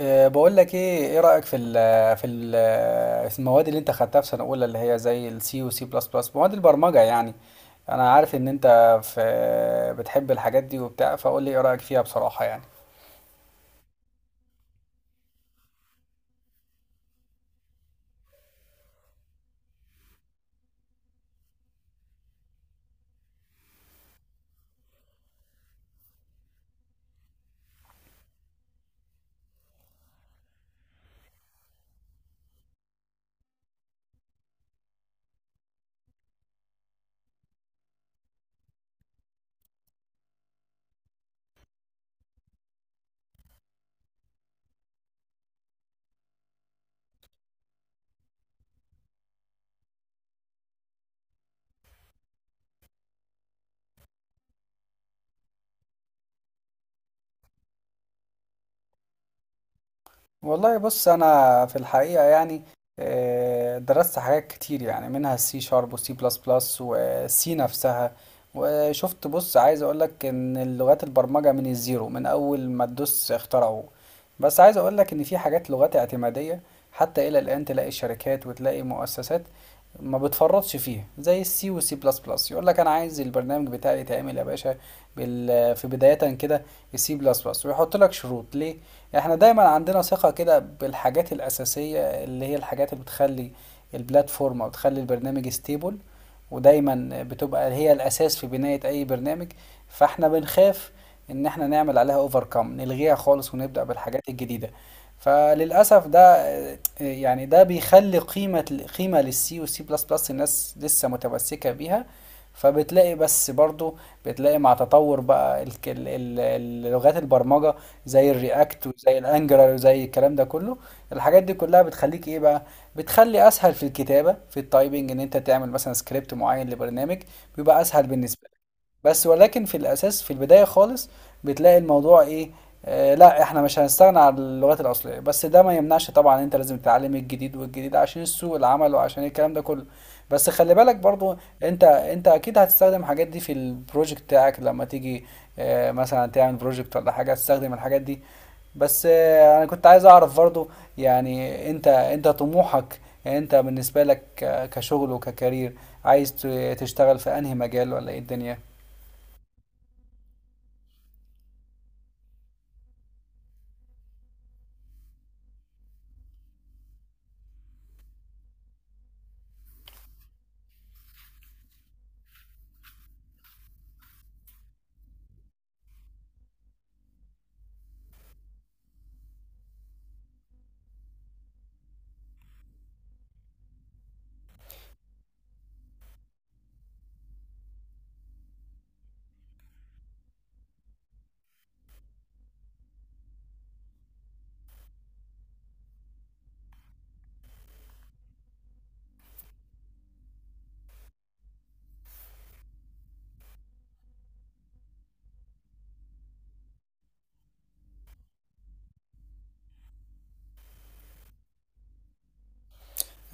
بقول لك ايه رأيك في المواد اللي انت خدتها في سنة اولى، اللي هي زي السي وسي بلس بلس، مواد البرمجة يعني. انا عارف ان انت في بتحب الحاجات دي وبتاع، فقول لي ايه رأيك فيها بصراحة يعني. والله بص، انا في الحقيقه يعني درست حاجات كتير يعني منها السي شارب وسي بلس بلس وسي نفسها. وشفت، بص، عايز اقولك ان اللغات البرمجه من الزيرو، من اول ما تدوس اخترعوه. بس عايز اقولك ان في حاجات لغات اعتماديه، حتى الى الان تلاقي شركات وتلاقي مؤسسات ما بتفرطش فيها، زي السي والسي بلس بلس. يقول لك انا عايز البرنامج بتاعي يتعمل يا باشا في بدايه كده، السي بلس بلس، ويحط لك شروط ليه. احنا دايما عندنا ثقة كده بالحاجات الأساسية، اللي هي الحاجات اللي بتخلي البلاتفورم أو بتخلي البرنامج ستيبل، ودايما بتبقى هي الأساس في بناية أي برنامج. فاحنا بنخاف إن احنا نعمل عليها اوفركم، نلغيها خالص ونبدأ بالحاجات الجديدة. فللأسف ده يعني ده بيخلي قيمة قيمة للسي والسي بلس بلس، الناس لسه متمسكة بيها. فبتلاقي بس برضو، بتلاقي مع تطور بقى اللغات البرمجة، زي الرياكت وزي الانجلر وزي الكلام ده كله. الحاجات دي كلها بتخليك ايه بقى؟ بتخلي اسهل في الكتابة في التايبنج، ان انت تعمل مثلا سكريبت معين لبرنامج، بيبقى اسهل بالنسبة. بس ولكن في الأساس في البداية خالص، بتلاقي الموضوع إيه؟ آه لا، إحنا مش هنستغنى عن اللغات الأصلية، بس ده ما يمنعش طبعا أنت لازم تتعلم الجديد والجديد عشان سوق العمل وعشان الكلام ده كله. بس خلي بالك برضو، أنت أنت أكيد هتستخدم الحاجات دي في البروجكت بتاعك لما تيجي آه مثلا تعمل بروجكت ولا حاجة، هتستخدم الحاجات دي. بس انا كنت عايز اعرف برضو، يعني انت طموحك، انت بالنسبة لك كشغل وككارير، عايز تشتغل في انهي مجال ولا ايه الدنيا؟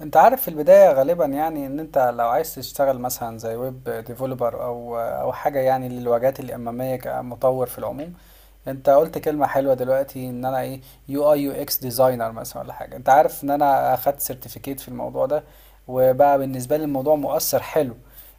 انت عارف في البداية غالبا، يعني ان انت لو عايز تشتغل مثلا زي ويب ديفلوبر او حاجة يعني للواجهات الامامية كمطور في العموم. انت قلت كلمة حلوة دلوقتي ان انا ايه، يو اي يو اكس ديزاينر مثلا ولا حاجة. انت عارف ان انا اخدت سيرتيفيكيت في الموضوع ده، وبقى بالنسبة لي الموضوع مؤثر حلو.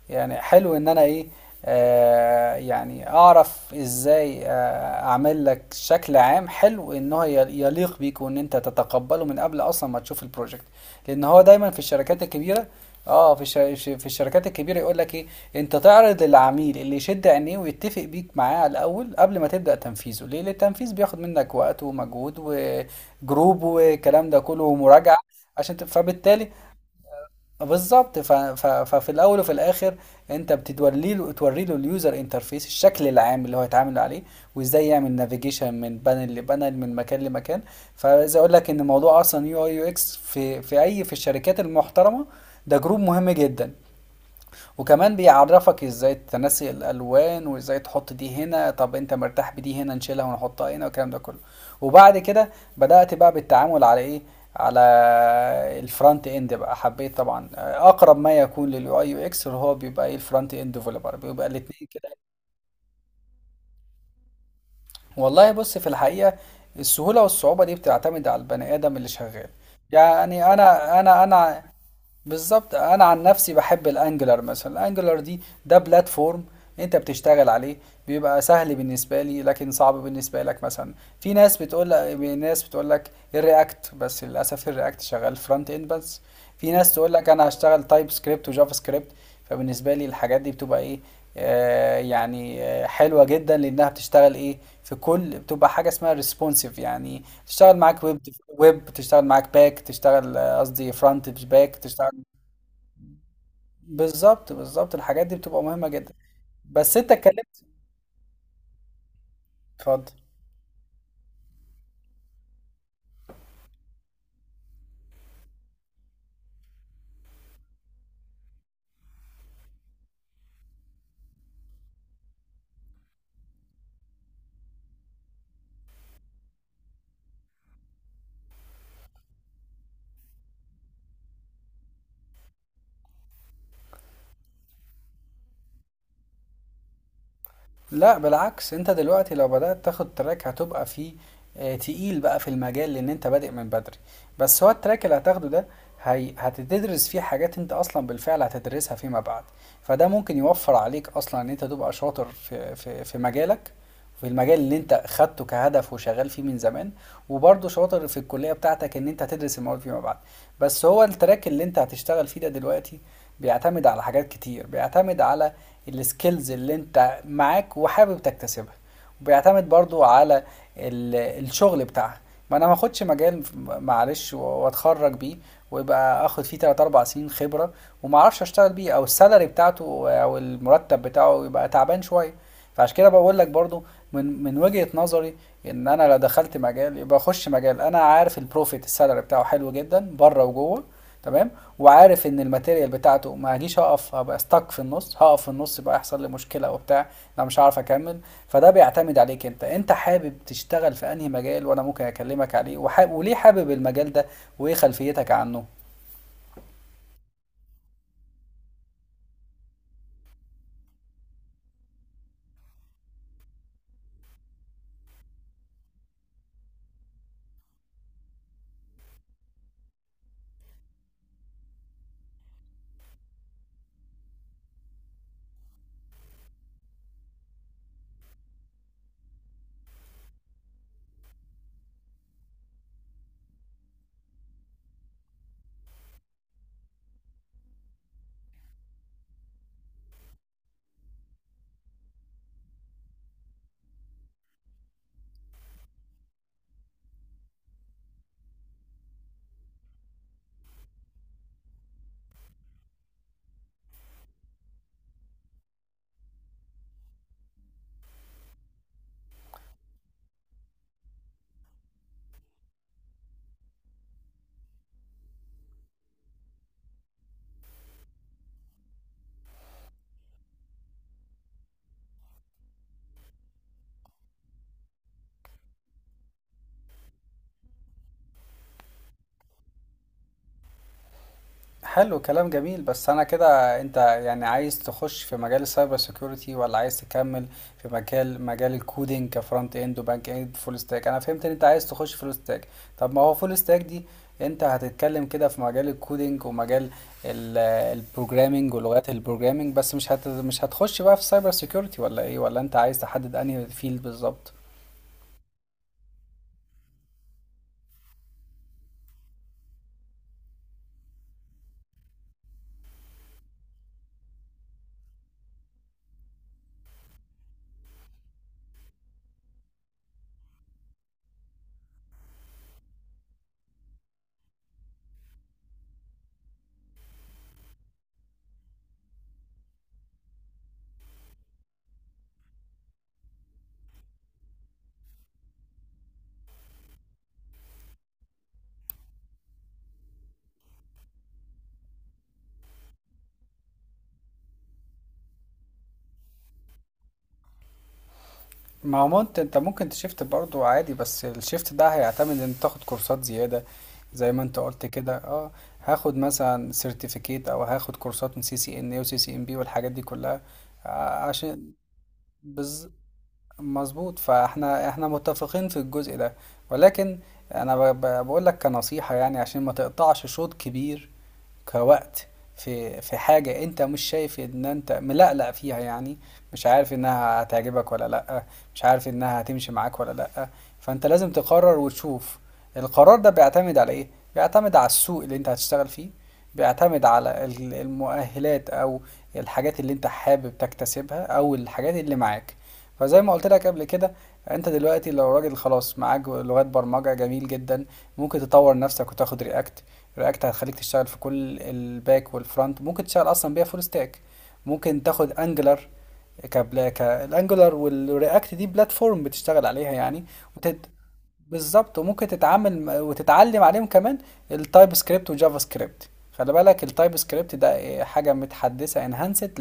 يعني حلو ان انا ايه، يعني اعرف ازاي اعمل لك شكل عام حلو، ان هو يليق بيك وان انت تتقبله من قبل اصلا ما تشوف البروجكت. لان هو دايما في الشركات الكبيره، اه في الش... في الشركات الكبيره يقول لك ايه، انت تعرض للعميل اللي يشد عينيه ويتفق بيك معاه على الاول قبل ما تبدا تنفيذه ليه، لأن التنفيذ بياخد منك وقت ومجهود وجروب والكلام ده كله ومراجعه، عشان فبالتالي بالظبط ففي الاول وفي الاخر انت بتوري له اليوزر انترفيس، الشكل العام اللي هو هيتعامل عليه، وازاي يعمل نافيجيشن من بانل لبانل من مكان لمكان. فعايز اقول لك ان موضوع اصلا يو اي يو اكس في الشركات المحترمه، ده جروب مهم جدا، وكمان بيعرفك ازاي تنسي الالوان وازاي تحط دي هنا، طب انت مرتاح بدي هنا نشيلها ونحطها هنا والكلام ده كله. وبعد كده بدأت بقى بالتعامل على ايه، على الفرونت اند بقى. حبيت طبعا اقرب ما يكون لليو اي يو اكس، اللي هو بيبقى ايه، الفرونت اند ديفلوبر، بيبقى الاتنين كده. والله بص في الحقيقة السهولة والصعوبة دي بتعتمد على البني آدم اللي شغال، يعني أنا بالظبط، انا عن نفسي بحب الانجلر مثلا. الانجلر دي ده بلاتفورم انت بتشتغل عليه، بيبقى سهل بالنسبه لي لكن صعب بالنسبه لك مثلا. في ناس بتقول لك ناس بتقول لك الرياكت، بس للاسف الرياكت شغال فرونت اند بس. في ناس تقول لك انا هشتغل تايب سكريبت وجافا سكريبت. فبالنسبه لي الحاجات دي بتبقى ايه، يعني حلوه جدا لانها بتشتغل ايه، في كل بتبقى حاجه اسمها ريسبونسيف، يعني تشتغل معاك ويب، ويب تشتغل معاك باك، تشتغل قصدي فرونت باك تشتغل. بالظبط الحاجات دي بتبقى مهمة جدا، بس انت اتكلمت. اتفضل. لا بالعكس، انت دلوقتي لو بدأت تاخد تراك هتبقى فيه تقيل بقى في المجال لان انت بادئ من بدري. بس هو التراك اللي هتاخده ده، هي هتدرس فيه حاجات انت اصلا بالفعل هتدرسها فيما بعد، فده ممكن يوفر عليك اصلا ان انت تبقى شاطر في في مجالك، في المجال اللي انت خدته كهدف وشغال فيه من زمان، وبرضه شاطر في الكلية بتاعتك ان انت تدرس المواد فيما بعد. بس هو التراك اللي انت هتشتغل فيه ده دلوقتي بيعتمد على حاجات كتير، بيعتمد على السكيلز اللي انت معاك وحابب تكتسبها، وبيعتمد برضو على الشغل بتاعها. ما انا ما اخدش مجال معلش واتخرج بيه ويبقى اخد فيه 3 4 سنين خبره وما اعرفش اشتغل بيه، او السالري بتاعته او المرتب بتاعه يبقى تعبان شويه. فعشان كده بقول لك برضو، من وجهة نظري، ان انا لو دخلت مجال يبقى اخش مجال انا عارف البروفيت السالري بتاعه حلو جدا بره وجوه، تمام، وعارف ان الماتيريال بتاعته ما هجيش هقف هبقى ستك في النص، هقف في النص يبقى يحصل لي مشكله وبتاع، انا مش هعرف اكمل. فده بيعتمد عليك انت، انت حابب تشتغل في انهي مجال وانا ممكن اكلمك عليه، وحاب، وليه حابب المجال ده، وايه خلفيتك عنه. حلو كلام جميل. بس انا كده انت يعني عايز تخش في مجال السايبر سيكيورتي ولا عايز تكمل في مجال الكودينج كفرونت اند وباك اند فول ستاك؟ انا فهمت ان انت عايز تخش فول ستاك. طب ما هو فول ستاك دي، انت هتتكلم كده في مجال الكودينج ومجال البروجرامينج ولغات البروجرامينج بس مش هتخش بقى في سايبر سيكيورتي ولا ايه، ولا انت عايز تحدد انهي فيلد بالظبط؟ ما هو انت ممكن تشيفت برضو عادي، بس الشيفت ده هيعتمد ان تاخد كورسات زيادة زي ما انت قلت كده، اه. هاخد مثلا سيرتيفيكيت او هاخد كورسات من سي سي ان اي وسي سي ام بي والحاجات دي كلها، عشان بز... مظبوط. فاحنا احنا متفقين في الجزء ده، ولكن انا بقول لك كنصيحة، يعني عشان ما تقطعش شوط كبير كوقت في حاجة انت مش شايف ان انت ملقلق فيها، يعني مش عارف انها هتعجبك ولا لأ، مش عارف انها هتمشي معاك ولا لأ. فانت لازم تقرر وتشوف. القرار ده بيعتمد على ايه؟ بيعتمد على السوق اللي انت هتشتغل فيه، بيعتمد على المؤهلات او الحاجات اللي انت حابب تكتسبها او الحاجات اللي معاك. فزي ما قلت لك قبل كده، انت دلوقتي لو راجل خلاص معاك لغات برمجة جميل جدا، ممكن تطور نفسك وتاخد رياكت. رياكت هتخليك تشتغل في كل الباك والفرونت، ممكن تشتغل اصلا بيها فول ستاك. ممكن تاخد انجلر، كبلا كالانجلر، والرياكت دي بلاتفورم بتشتغل عليها يعني. وتت... بالظبط، وممكن تتعامل وتتعلم عليهم كمان التايب سكريبت وجافا سكريبت. خلي بالك التايب سكريبت ده إيه، حاجة متحدثة انهانست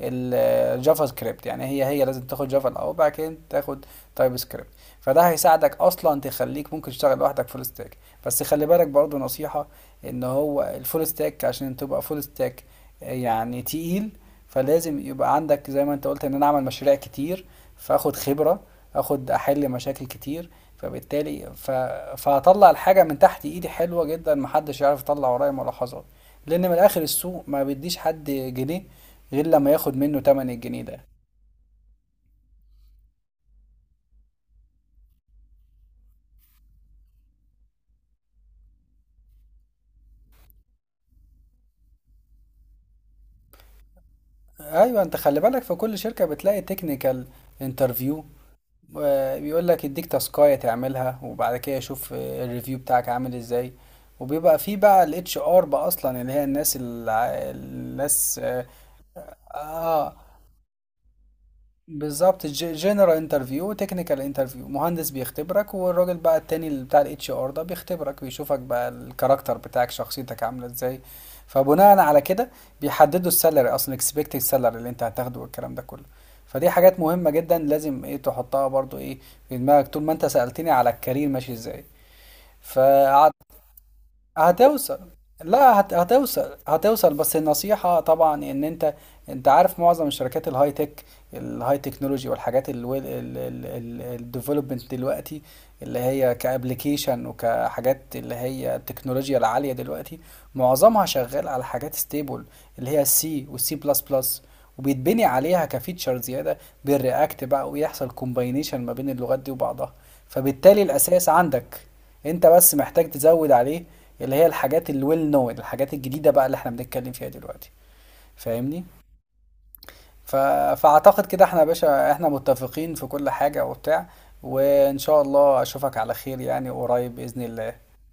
للجافا سكريبت، يعني هي لازم تاخد جافا الأول وبعد كده تاخد تايب سكريبت. فده هيساعدك أصلا تخليك ممكن تشتغل لوحدك فول ستاك. بس خلي بالك برضو نصيحة ان هو الفول ستاك عشان تبقى فول ستاك يعني تقيل، فلازم يبقى عندك زي ما انت قلت ان انا اعمل مشاريع كتير، فاخد خبرة، اخد احل مشاكل كتير. فبالتالي فهطلع الحاجة من تحت ايدي حلوة جدا، محدش يعرف يطلع ورايا ملاحظات، لان من الاخر السوق ما بيديش حد جنيه غير لما ياخد منه تمن الجنيه ده. ايوه، انت خلي بالك في كل شركة بتلاقي تكنيكال انترفيو، بيقول لك يديك تاسكاية تعملها وبعد كده يشوف الريفيو بتاعك عامل ازاي. وبيبقى فيه بقى الاتش ار، بقى اصلا اللي هي الناس آه، بالظبط. جنرال انترفيو وتكنيكال انترفيو، مهندس بيختبرك، والراجل بقى التاني اللي بتاع الاتش ار ده بيختبرك ويشوفك بقى الكاركتر بتاعك شخصيتك عامله ازاي. فبناء على كده بيحددوا السالري، اصلا اكسبكتد سالري اللي انت هتاخده والكلام ده كله. فدي حاجات مهمه جدا لازم ايه تحطها برضو ايه في دماغك، طول ما انت سألتني على الكارير ماشي ازاي، فقعدت. هتوصل، لا هتوصل بس النصيحة طبعا ان انت، انت عارف معظم الشركات الهاي تك، الهاي تكنولوجي والحاجات الديفلوبمنت دلوقتي، اللي هي كابليكيشن وكحاجات اللي هي التكنولوجيا العالية دلوقتي، معظمها شغال على حاجات ستيبل اللي هي السي والسي بلس بلس، وبيتبني عليها كفيتشر زيادة بالرياكت بقى، ويحصل كومباينيشن ما بين اللغات دي وبعضها. فبالتالي الأساس عندك، انت بس محتاج تزود عليه اللي هي الحاجات الويل نون، الحاجات الجديدة بقى اللي احنا بنتكلم فيها دلوقتي. فاهمني، ف... فأعتقد كده احنا يا باشا احنا متفقين في كل حاجة وبتاع، وإن شاء الله أشوفك على خير يعني قريب بإذن الله.